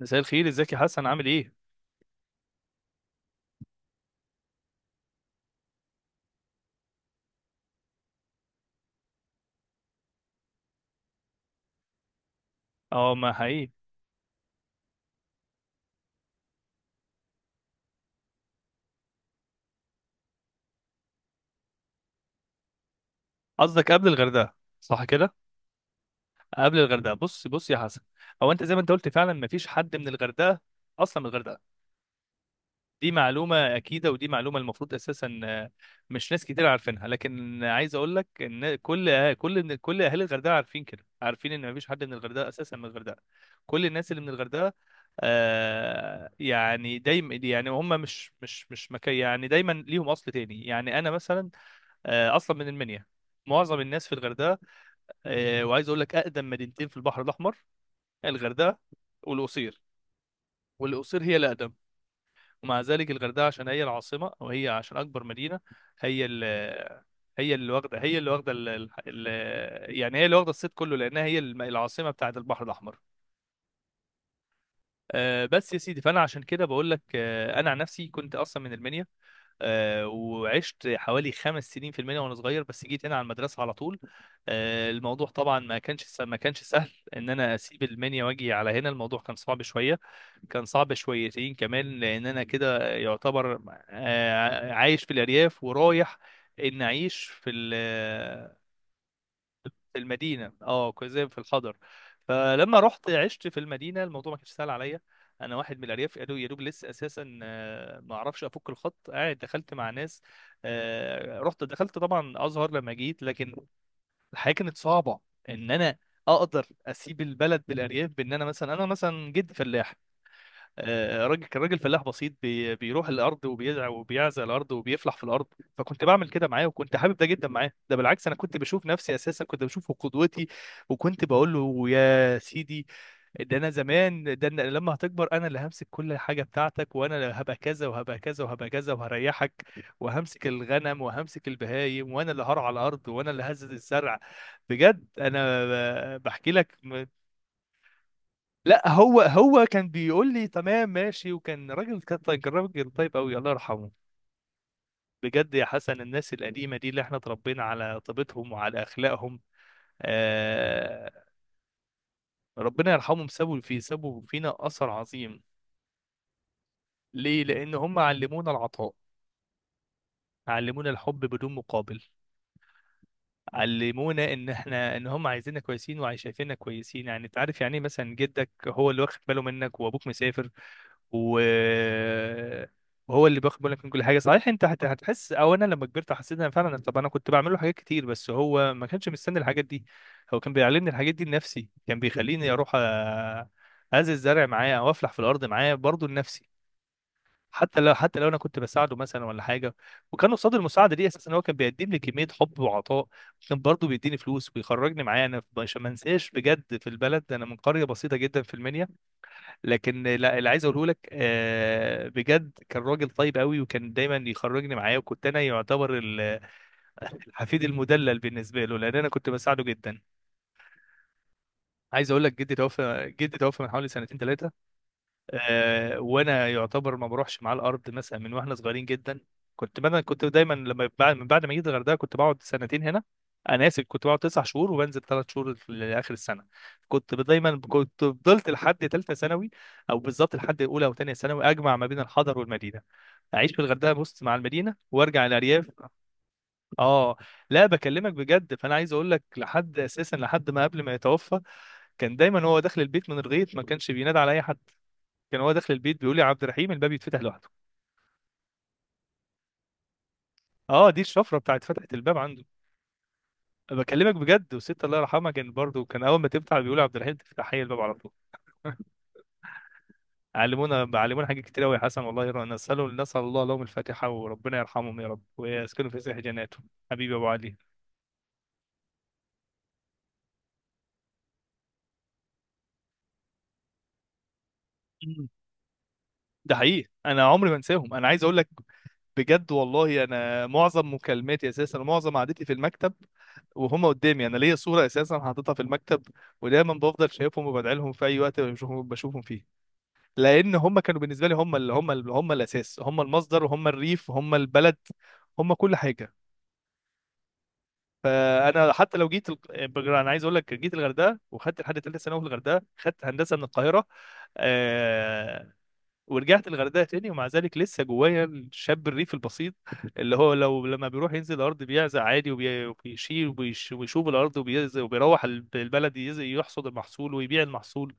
مساء الخير، ازيك يا حسن؟ عامل ايه؟ اه، ما حقيقي. قصدك قبل الغردقه؟ صح كده. قبل الغردقه، بص بص يا حسن. هو انت زي ما انت قلت فعلا ما فيش حد من الغردقه اصلا من الغردقه. دي معلومة أكيدة، ودي معلومة المفروض أساسا، مش ناس كتير عارفينها. لكن عايز أقول لك إن كل كل أهالي الغردقة عارفين كده، عارفين إن مفيش حد من الغردقة أساسا من الغردقة. كل الناس اللي من الغردقة، يعني دايما يعني هم مش مكي، يعني دايما ليهم أصل تاني. يعني أنا مثلا أصلا من المنيا. معظم الناس في الغردقة. وعايز أقول لك أقدم مدينتين في البحر الأحمر: الغردقة والقصير. والقصير هي الأقدم، ومع ذلك الغردقه عشان هي العاصمه، او هي عشان اكبر مدينه. هي ال هي اللي واخده، هي اللي واخده يعني هي اللي واخده الصيت كله، لانها هي العاصمه بتاعه البحر الاحمر. بس يا سيدي، فانا عشان كده بقول لك، انا عن نفسي كنت اصلا من المنيا. وعشت حوالي 5 سنين في المنيا وانا صغير، بس جيت هنا على المدرسه على طول. الموضوع طبعا ما كانش سهل ان انا اسيب المنيا واجي على هنا. الموضوع كان صعب شويه. كان صعب شويتين كمان، لان انا كده يعتبر عايش في الارياف ورايح ان اعيش في المدينه. اه، كنت زي في الخضر، فلما رحت عشت في المدينه الموضوع ما كانش سهل عليا. انا واحد من الارياف، يا دوب يا دوب لسه اساسا ما اعرفش افك الخط، قاعد دخلت مع ناس. رحت دخلت طبعا ازهر لما جيت، لكن الحياه كانت صعبه ان انا اقدر اسيب البلد بالارياف، بان انا مثلا، انا مثلا جد فلاح. راجل، كان راجل فلاح بسيط، بيروح الارض وبيزرع وبيعزق الارض وبيفلح في الارض. فكنت بعمل كده معاه، وكنت حابب ده جدا معاه. ده بالعكس، انا كنت بشوف نفسي، اساسا كنت بشوفه قدوتي. وكنت بقول له: يا سيدي، ده انا زمان، ده أنا لما هتكبر انا اللي همسك كل حاجه بتاعتك، وانا اللي هبقى كذا وهبقى كذا وهبقى كذا وهريحك، وهمسك الغنم وهمسك البهايم، وانا اللي هرعى الارض وانا اللي هزت الزرع. بجد انا بحكي لك. لا، هو كان بيقول لي: تمام، ماشي. وكان راجل، راجل طيب قوي، الله يرحمه. بجد يا حسن، الناس القديمه دي اللي احنا اتربينا على طيبتهم وعلى اخلاقهم. آه، ربنا يرحمهم. سابوا فينا اثر عظيم. ليه؟ لان هم علمونا العطاء، علمونا الحب بدون مقابل، علمونا ان احنا، ان هم عايزيننا كويسين وشايفيننا كويسين. يعني انت عارف، يعني ايه مثلا جدك هو اللي واخد باله منك وابوك مسافر، و وهو اللي بياخد بالك من كل حاجه. صحيح، انت هتحس، او انا لما كبرت حسيت ان فعلا، طب انا كنت بعمل له حاجات كتير بس هو ما كانش مستني الحاجات دي، هو كان بيعلمني الحاجات دي لنفسي. كان بيخليني اروح ازرع الزرع معاه او افلح في الارض معاه برضه لنفسي. حتى لو انا كنت بساعده مثلا ولا حاجه، وكان قصاد المساعده دي اساسا هو كان بيقدم لي كميه حب وعطاء. كان برضه بيديني فلوس ويخرجني معاه، عشان ما انساش بجد في البلد. انا من قريه بسيطه جدا في المنيا، لكن لا، اللي عايز اقوله لك بجد كان راجل طيب قوي، وكان دايما يخرجني معاه. وكنت انا يعتبر الحفيد المدلل بالنسبه له، لان انا كنت بساعده جدا. عايز اقول لك، جدي توفى من حوالي سنتين ثلاثه. وانا يعتبر ما بروحش مع الارض مثلا من واحنا صغيرين جدا. كنت مثلا، كنت دايما لما بعد من بعد ما جيت الغردقه كنت بقعد سنتين هنا. انا اسف، كنت بقعد 9 شهور وبنزل 3 شهور لاخر السنه. كنت دايما، كنت فضلت لحد ثالثه ثانوي، او بالظبط لحد اولى او ثانيه ثانوي، اجمع ما بين الحضر والمدينه. اعيش في الغردقه بص مع المدينه وارجع الارياف. اه، لا، بكلمك بجد. فانا عايز اقول لك لحد اساسا لحد ما قبل ما يتوفى، كان دايما هو داخل البيت من الغيط ما كانش بينادى على اي حد. كان هو داخل البيت بيقول لي: يا عبد الرحيم الباب يتفتح لوحده. اه، دي الشفره بتاعت فتحه الباب عنده. بكلمك بجد، والست الله يرحمها كان برضه، كان اول ما تفتح بيقول: يا عبد الرحيم، تفتح هي الباب على طول. علمونا حاجات كتير قوي يا حسن. والله يرى، نسال الله لهم الفاتحه، وربنا يرحمهم يا رب، ويسكنوا في سيح جناته. حبيبي يا ابو علي. مم. ده حقيقي، انا عمري ما انساهم. انا عايز اقول لك، بجد والله انا معظم مكالماتي اساسا ومعظم قعدتي في المكتب وهم قدامي. انا ليا صوره اساسا حاططها في المكتب، ودايما بفضل شايفهم وبدعي لهم في اي وقت بشوفهم، بشوفهم فيه. لان هم كانوا بالنسبه لي، هم اللي هم الاساس، هم المصدر، وهم الريف، وهم البلد. هم كل حاجه. فانا حتى لو جيت ال... انا عايز اقول لك جيت الغردقه وخدت لحد ثالثه ثانوي في الغردقه، خدت هندسه من القاهره. آه... ورجعت الغردقه تاني، ومع ذلك لسه جوايا الشاب الريف البسيط، اللي هو لو لما بيروح ينزل الارض بيعزق عادي، وبيشيل ويشوف الارض وبيروح البلد يحصد المحصول ويبيع المحصول.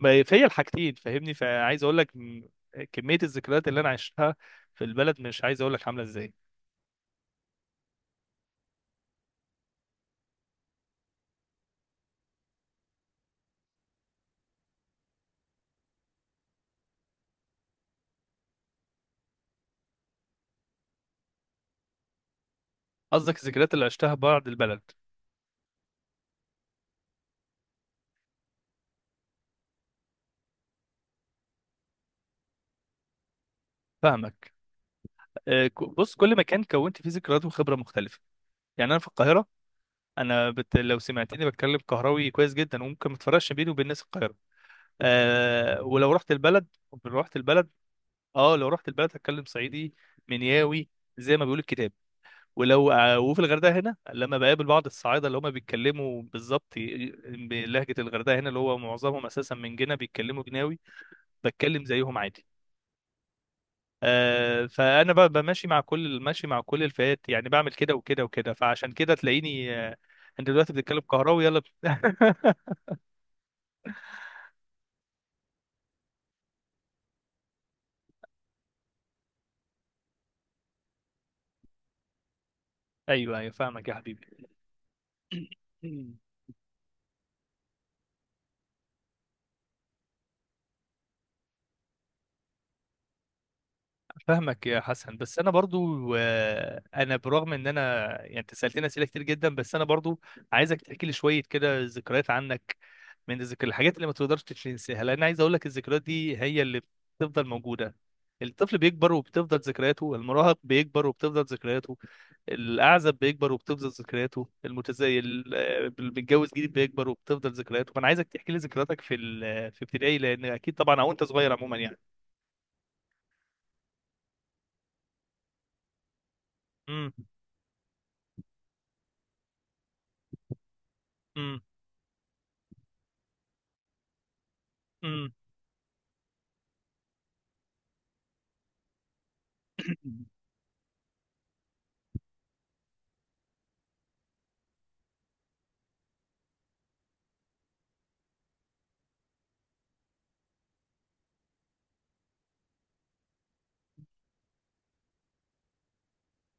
فيا الحاجتين، فاهمني؟ فعايز اقول لك كميه الذكريات اللي انا عشتها في البلد مش عايز اقول لك عامله ازاي. قصدك الذكريات اللي عشتها بعد البلد؟ فاهمك. بص، كل مكان كونت فيه ذكريات وخبره مختلفه. يعني انا في القاهره، انا لو سمعتني بتكلم قهراوي كويس جدا وممكن ما تفرقش بيني وبين ناس القاهره. أه، ولو رحت البلد، رحت البلد اه لو رحت البلد هتكلم صعيدي، منياوي، زي ما بيقول الكتاب. ولو آه، وفي الغردقه هنا لما بقابل بعض الصعايده اللي هم بيتكلموا بالظبط بلهجه الغردقه هنا، اللي هو معظمهم اساسا من جنا، بيتكلموا جناوي، بتكلم زيهم عادي. فانا بمشي مع كل، ماشي مع كل الفئات. يعني بعمل كده وكده وكده، فعشان كده تلاقيني انت دلوقتي بتتكلم قهراوي يلا ايوه ايوه، فاهمك يا حبيبي. فاهمك يا حسن، بس انا برضو انا برغم ان انا، يعني انت سالتني اسئله كتير جدا، بس انا برضو عايزك تحكي لي شويه كده ذكريات عنك، من الذكر الحاجات اللي ما تقدرش تنساها. لان عايز اقول لك الذكريات دي هي اللي بتفضل موجوده. الطفل بيكبر وبتفضل ذكرياته، المراهق بيكبر وبتفضل ذكرياته، الاعزب بيكبر وبتفضل ذكرياته، المتزايد اللي بيتجوز جديد بيكبر وبتفضل ذكرياته. فانا عايزك تحكي لي ذكرياتك في ابتدائي، لان اكيد طبعا او انت صغير عموما يعني. امم. امم. امم.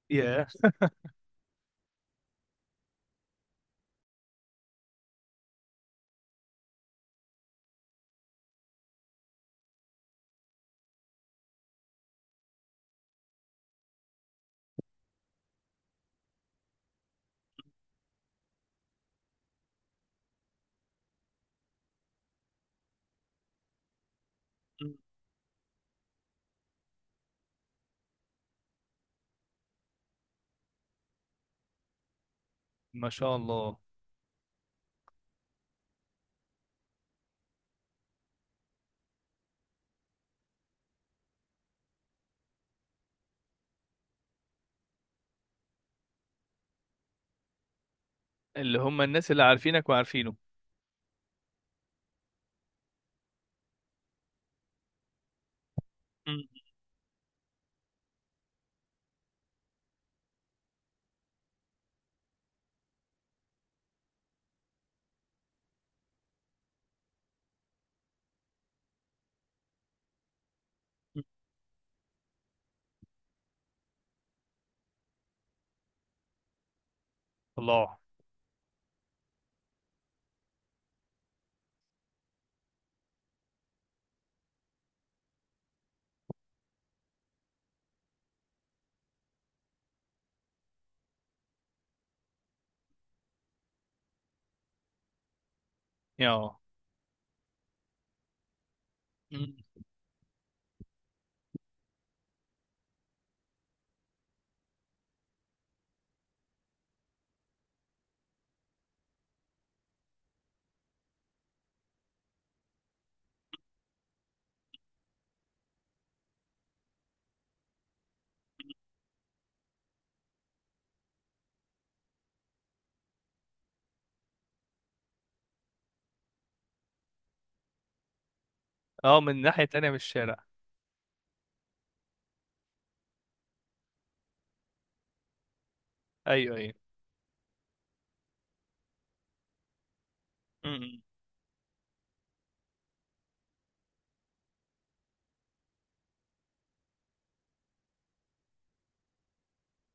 ياه. مم. ما شاء الله. اللي هم الناس اللي عارفينك وعارفينه. مم. الله. اه. مم. اه، من ناحية تانية من الشارع. ايوه ايوه. مم.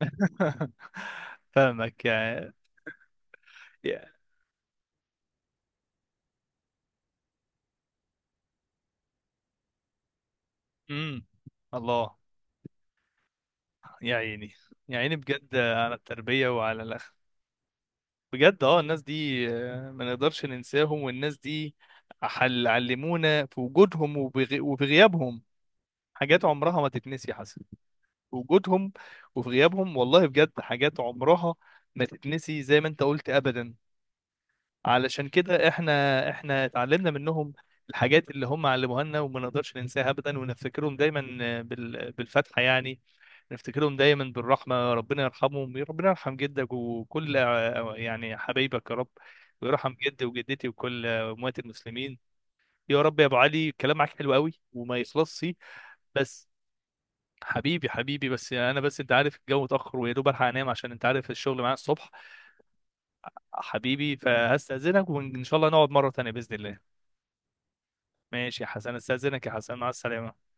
فاهمك يا، يا. مم. الله. يا عيني، يا عيني بجد على التربية وعلى الأخ. بجد، اه، الناس دي ما نقدرش ننساهم، والناس دي حل، علمونا في وجودهم وبغيابهم حاجات عمرها ما تتنسي، حسن. وجودهم وفي غيابهم، والله بجد حاجات عمرها ما تتنسي زي ما انت قلت، ابدا. علشان كده احنا، اتعلمنا منهم الحاجات اللي هم علموها لنا، وما نقدرش ننساها ابدا، ونفتكرهم دايما بالفتحه يعني. نفتكرهم دايما بالرحمه. ربنا يرحمهم. ربنا يرحم جدك وكل، يعني حبايبك يا رب، ويرحم جدي وجدتي وكل اموات المسلمين. يا رب. يا ابو علي، الكلام معاك حلو قوي وما يخلصش، بس حبيبي، حبيبي، بس انا، بس انت عارف الجو اتاخر ويا دوب الحق انام عشان انت عارف الشغل معايا الصبح. حبيبي، فهستاذنك، وان شاء الله نقعد مره تانية باذن الله. ماشي يا حسن، استاذنك يا حسن، مع السلامه.